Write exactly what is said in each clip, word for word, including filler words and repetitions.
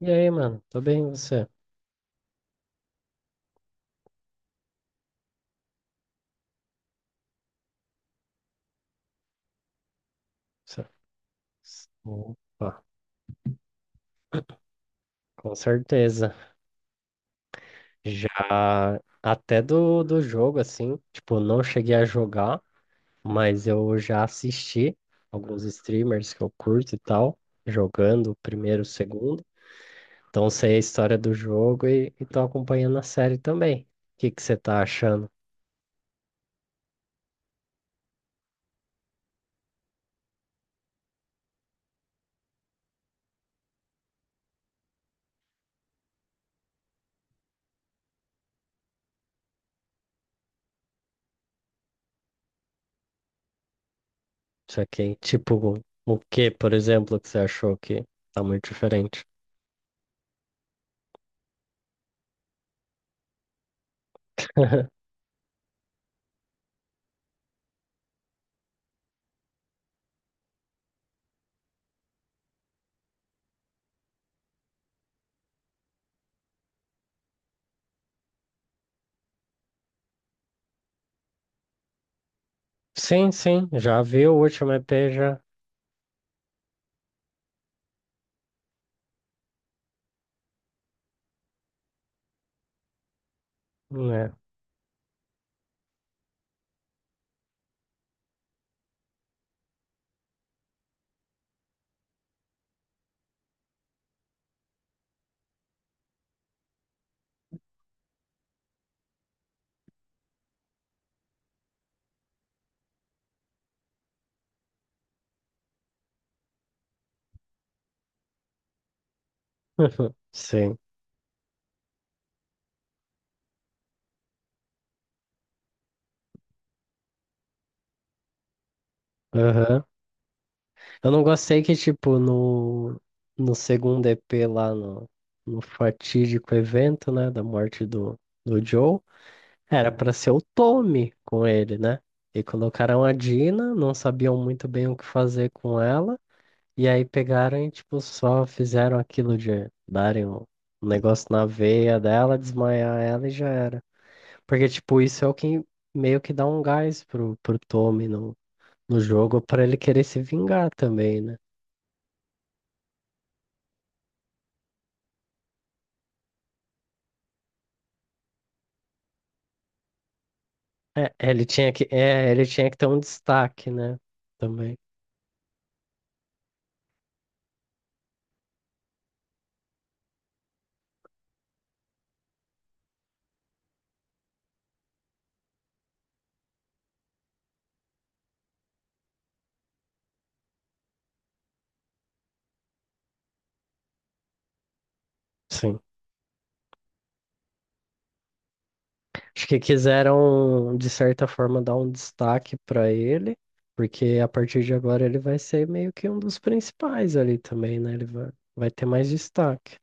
E aí, mano? Tô bem, e você? Você- Opa, com certeza. Já até do, do jogo, assim, tipo, não cheguei a jogar, mas eu já assisti alguns streamers que eu curto e tal, jogando o primeiro, o segundo. Então sei a história do jogo e, e tô acompanhando a série também. O que que você tá achando isso aqui? Tipo, o que, por exemplo, que você achou que tá muito diferente? Sim, sim, já vi o último E P já, né? Uhum. Sim. Aham. Eu não gostei que, tipo, no, no segundo E P lá no, no fatídico evento, né, da morte do, do Joe, era pra ser o Tommy com ele, né? E colocaram a Dina, não sabiam muito bem o que fazer com ela, e aí pegaram e, tipo, só fizeram aquilo de darem um um negócio na veia dela, desmaiar ela e já era. Porque, tipo, isso é o que meio que dá um gás pro, pro Tommy no jogo para ele querer se vingar também, né? É, ele tinha que, é, ele tinha que ter um destaque, né? Também. Sim. Acho que quiseram, de certa forma, dar um destaque para ele, porque a partir de agora ele vai ser meio que um dos principais ali também, né? Ele vai, vai ter mais destaque.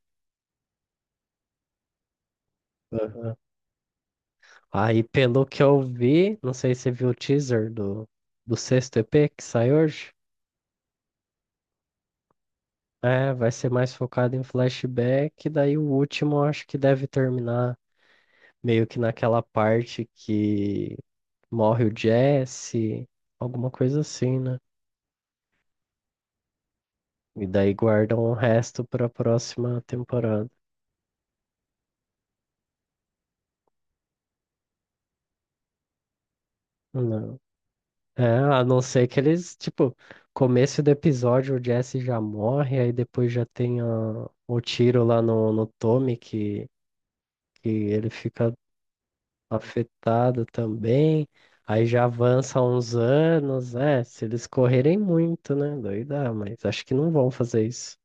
Aham. Aí, pelo que eu vi, não sei se você viu o teaser do, do sexto E P que sai hoje. É, vai ser mais focado em flashback, daí o último eu acho que deve terminar meio que naquela parte que morre o Jesse, alguma coisa assim, né? E daí guardam o resto pra próxima temporada. Não. É, a não ser que eles, tipo, começo do episódio o Jesse já morre, aí depois já tem a, o tiro lá no, no Tommy que, que ele fica afetado também. Aí já avança uns anos, é, se eles correrem muito, né? Daí dá, mas acho que não vão fazer isso.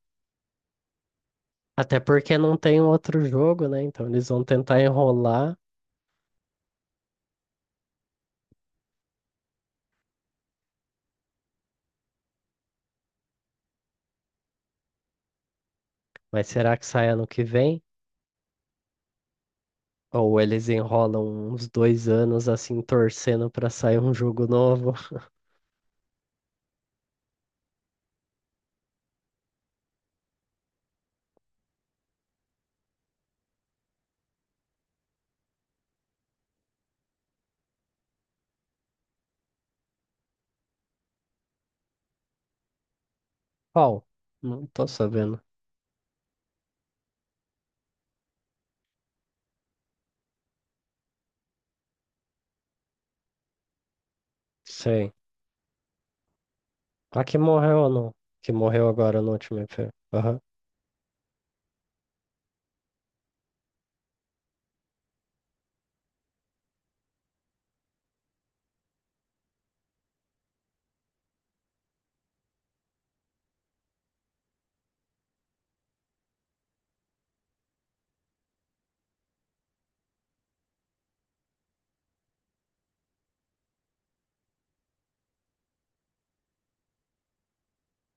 Até porque não tem um outro jogo, né? Então eles vão tentar enrolar, mas será que sai ano que vem? Ou eles enrolam uns dois anos assim, torcendo pra sair um jogo novo? Qual? Não tô sabendo. Sei. A que morreu ou não? Que morreu agora no último E P. Aham.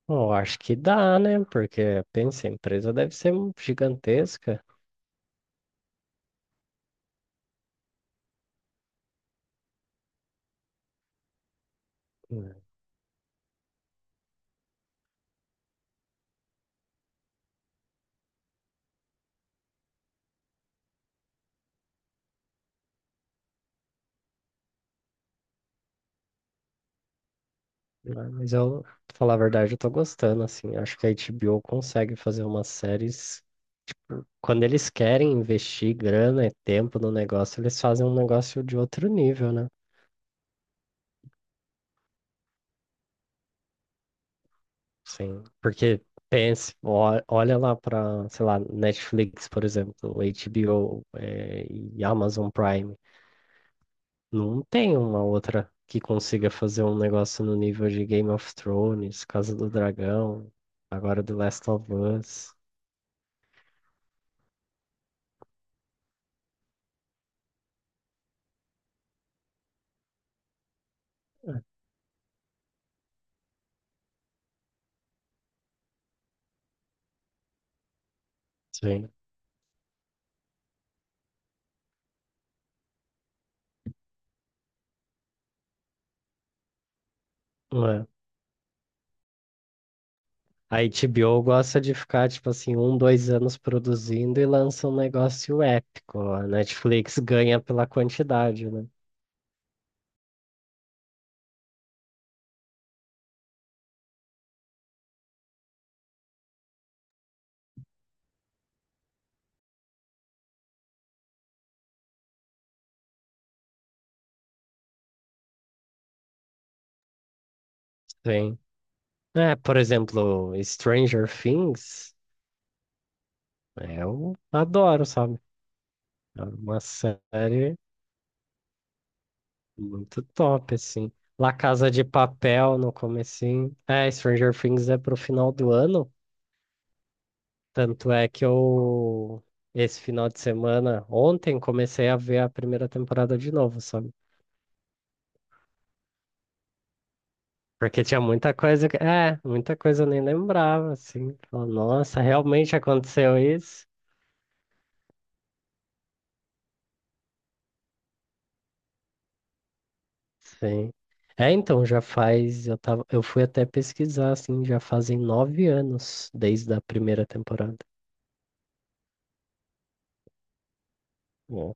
Eu acho que dá, né? Porque, pensa, a empresa deve ser gigantesca. Hum. Mas eu, pra falar a verdade, eu tô gostando, assim. Acho que a H B O consegue fazer umas séries. Quando eles querem investir grana e tempo no negócio, eles fazem um negócio de outro nível, né? Sim. Porque pense, ó- olha lá para, sei lá, Netflix, por exemplo, H B O, eh, e Amazon Prime. Não tem uma outra que consiga fazer um negócio no nível de Game of Thrones, Casa do Dragão, agora The Last of Us. Sim. A H B O gosta de ficar, tipo assim, um, dois anos produzindo e lança um negócio épico. A Netflix ganha pela quantidade, né? Sim. É, por exemplo, Stranger Things, eu adoro, sabe? É uma série muito top, assim. La Casa de Papel no comecinho. É, Stranger Things é pro final do ano. Tanto é que eu, esse final de semana, ontem, comecei a ver a primeira temporada de novo, sabe? Porque tinha muita coisa que, é, muita coisa eu nem lembrava, assim. Falava, nossa, realmente aconteceu isso? Sim. É, então, já faz, eu tava, eu fui até pesquisar, assim, já fazem nove anos desde a primeira temporada. Bom,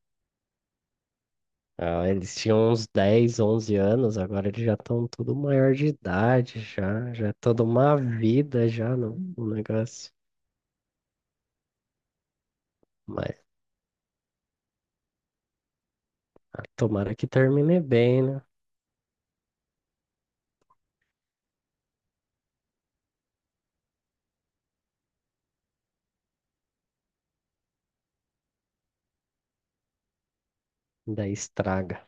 ah, eles tinham uns dez onze anos, agora eles já estão tudo maior de idade, já, já é toda uma vida já no, no negócio. Mas ah, tomara que termine bem, né? Daí estraga.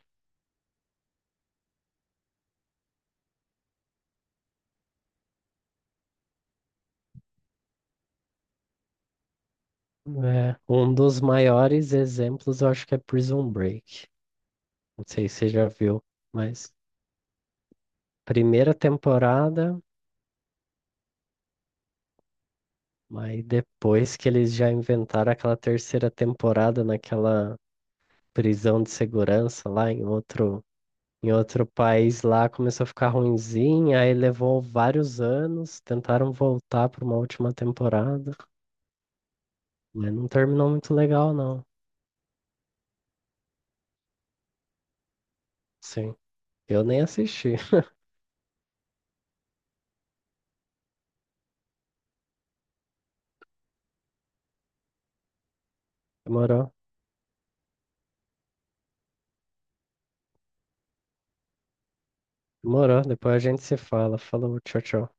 É, um dos maiores exemplos eu acho que é Prison Break. Não sei se você já viu, mas primeira temporada, aí depois que eles já inventaram aquela terceira temporada naquela prisão de segurança lá em outro, em outro país lá, começou a ficar ruinzinha, aí levou vários anos, tentaram voltar para uma última temporada, mas não terminou muito legal, não. Sim, eu nem assisti. Demorou, demorou, depois a gente se fala. Falou, tchau, tchau.